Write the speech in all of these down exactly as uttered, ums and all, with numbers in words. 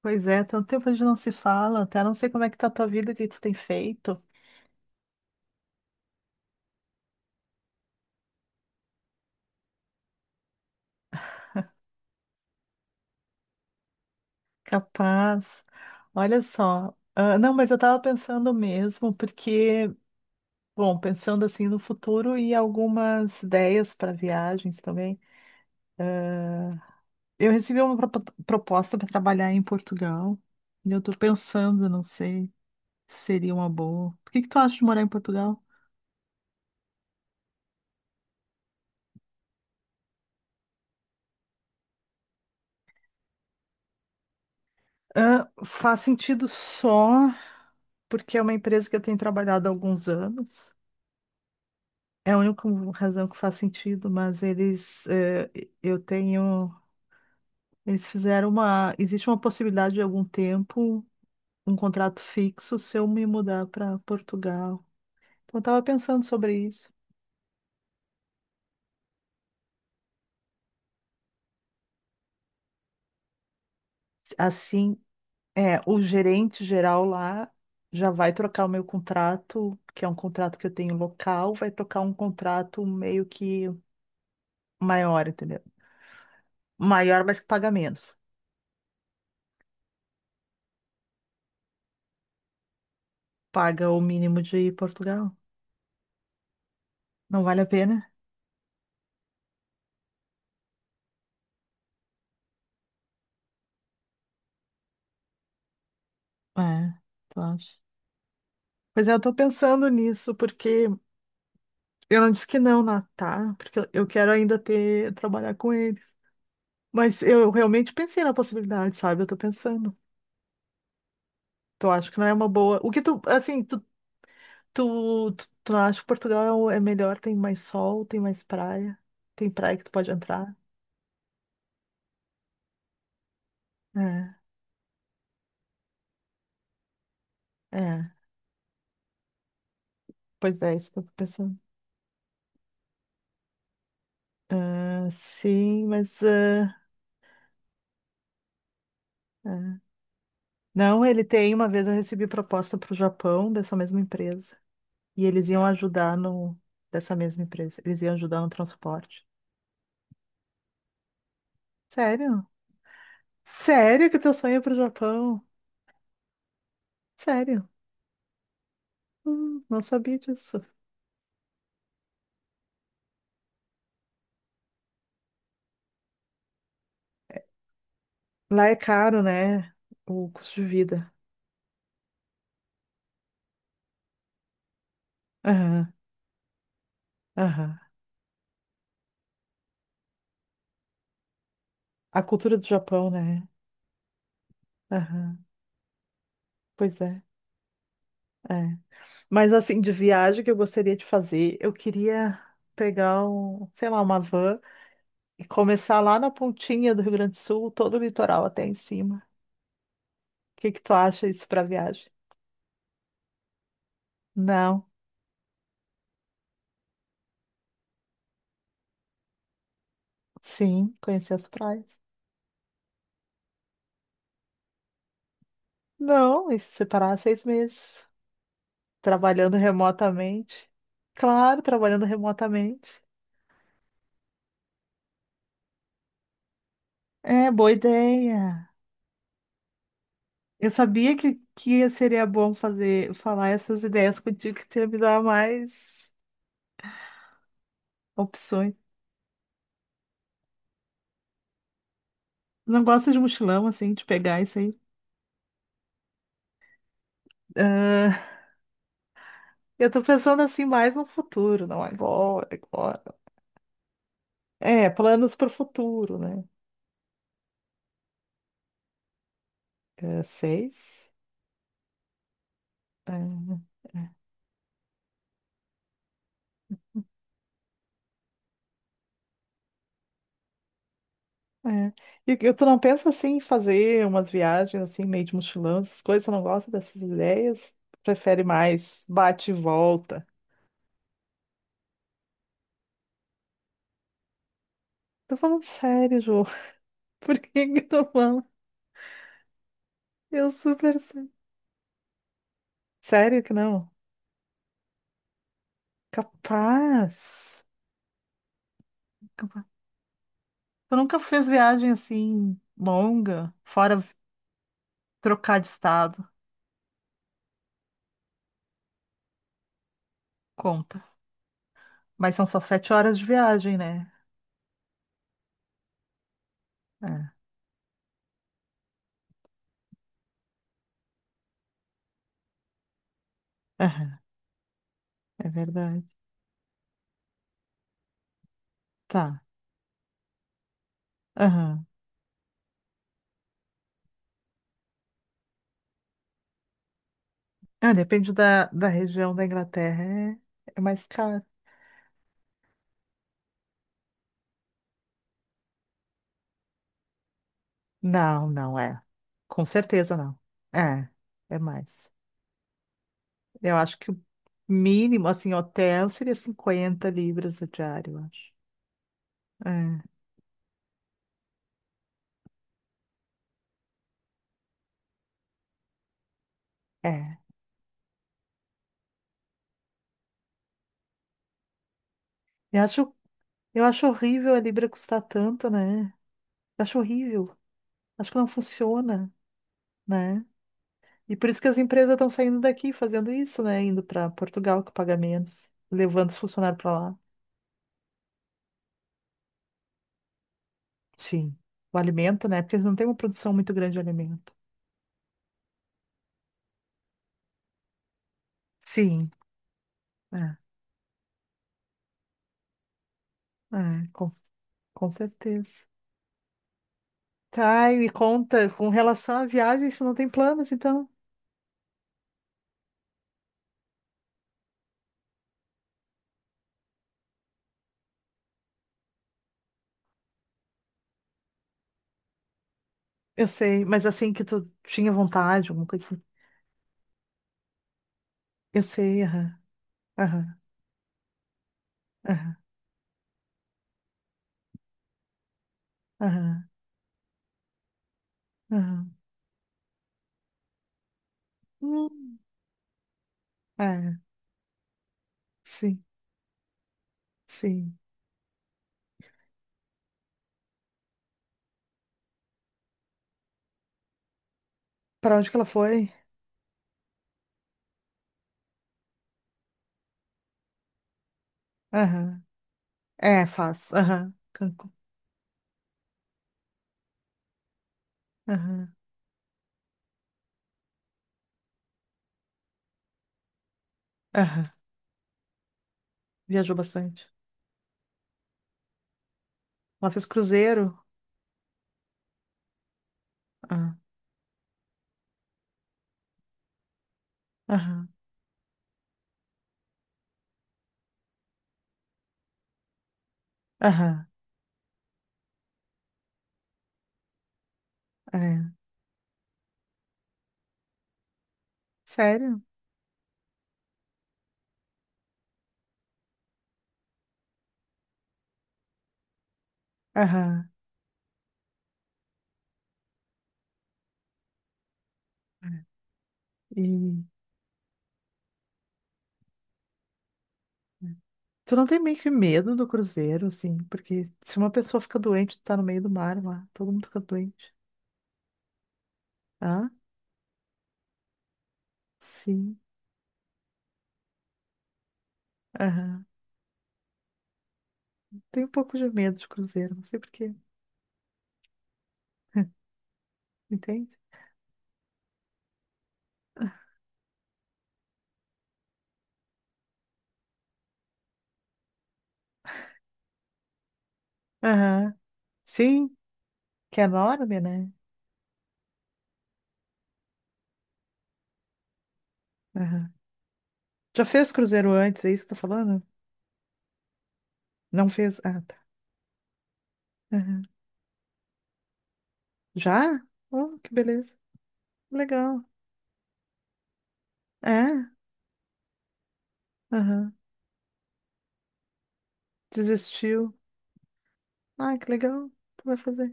Pois é, tanto tempo a gente não se fala, até não sei como é que tá a tua vida, o que tu tem feito. Capaz. Olha só. Ah, não, mas eu tava pensando mesmo, porque, bom, pensando assim no futuro e algumas ideias para viagens também. Eu recebi uma propo- proposta para trabalhar em Portugal, e eu tô pensando, não sei, se seria uma boa. O que que tu acha de morar em Portugal? Ah, faz sentido só porque é uma empresa que eu tenho trabalhado há alguns anos. É a única razão que faz sentido, mas eles, eh, eu tenho, eles fizeram uma, existe uma possibilidade de algum tempo, um contrato fixo, se eu me mudar para Portugal. Então, eu estava pensando sobre isso. Assim, é, o gerente geral lá já vai trocar o meu contrato, que é um contrato que eu tenho local, vai trocar um contrato meio que maior, entendeu? Maior, mas que paga menos. Paga o mínimo de Portugal. Não vale a pena? É, tu acha? Pois é, eu tô pensando nisso, porque eu não disse que não, na- tá? Porque eu eu quero ainda ter, trabalhar com eles. Mas eu realmente pensei na possibilidade, sabe? Eu tô pensando. Tu acha que não é uma boa. O que tu, assim, tu, tu, tu, tu não acha que Portugal é melhor? Tem mais sol, tem mais praia, tem praia que tu pode entrar? É, é. Pois é, isso que eu tô pensando. Ah, sim, mas. Ah, é. Não, ele tem. Uma vez eu recebi proposta para o Japão dessa mesma empresa. E eles iam ajudar no, dessa mesma empresa. Eles iam ajudar no transporte. Sério? Sério que teu sonho é pro Japão? Sério? Hum, não sabia disso. Lá é caro, né? O custo de vida. Aham, aham. A cultura do Japão, né? Aham. Pois é, é. Mas assim, de viagem que eu gostaria de fazer, eu queria pegar um, sei lá, uma van e começar lá na pontinha do Rio Grande do Sul, todo o litoral até em cima. O que que tu acha isso pra viagem? Não. Sim, conheci as praias. Não, e se separar seis meses. Trabalhando remotamente. Claro, trabalhando remotamente. É, boa ideia. Eu sabia que, que seria bom fazer, falar essas ideias contigo, que tu ia me dar mais opções. Não gosto de mochilão, assim, de pegar isso aí. Ah, eu tô pensando, assim, mais no futuro, não agora, agora. É, planos pro futuro, né? É, seis. É. É. É. E, e tu não pensa assim em fazer umas viagens assim, meio de mochilão, essas coisas, tu não gosta dessas ideias? Prefere mais bate e volta? Tô falando sério, Ju. Por que que tu fala? Eu super sei. Sério que não? Capaz. Capaz. Tu nunca fez viagem assim longa, fora v- trocar de estado? Conta. Mas são só sete horas de viagem, né? É, aham. É verdade. Tá. Ah, depende da, da região da Inglaterra. É, é mais caro. Não, não é. Com certeza não. É, é mais. Eu acho que o mínimo, assim, hotel seria cinquenta libras a diária, eu acho. É, é. Eu acho, eu acho horrível a libra custar tanto, né? Eu acho horrível. Acho que não funciona, né? E por isso que as empresas estão saindo daqui fazendo isso, né? Indo para Portugal que paga menos, levando os funcionários para lá. Sim. O alimento, né? Porque eles não têm uma produção muito grande de alimento. Sim, é, é, com, com certeza. Tá, e me conta, com relação à viagem, você não tem planos, então? Eu sei, mas assim que tu tinha vontade, alguma coisa assim. Eu sei, aham, aham, aham, aham, aham. Hum, é, sim, sim. Pra onde que ela foi? Aham. É, faz, aham, Cancún, aham, aham. Viajou bastante. Ela fez cruzeiro? Ah, aham, aham, é. Sério? Aham. É. E tu não tem meio que medo do cruzeiro, assim? Porque se uma pessoa fica doente, tu tá no meio do mar lá, todo mundo fica doente. Ah, sim. Aham. Tenho um pouco de medo de cruzeiro, não sei por quê. Entende? Aham. Sim, que é enorme, né? Aham. Já fez cruzeiro antes, é isso que tá falando? Não fez? Ah, tá. Aham. Já? Oh, que beleza. Legal. É? Aham. Desistiu. Ah, que legal. Tu vai fazer.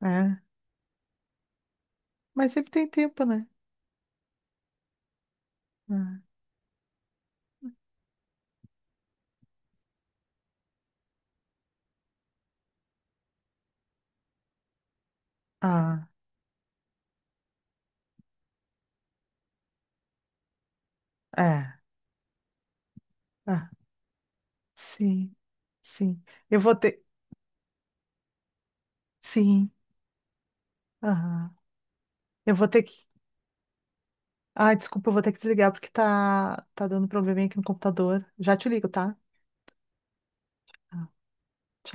É. Mas sempre tem tempo, né? Hum. Ah, é. Ah, sim, sim. Eu vou ter. Sim, aham. Eu vou ter que. Ah, desculpa, eu vou ter que desligar porque tá, tá dando probleminha aqui no computador. Já te ligo, tá?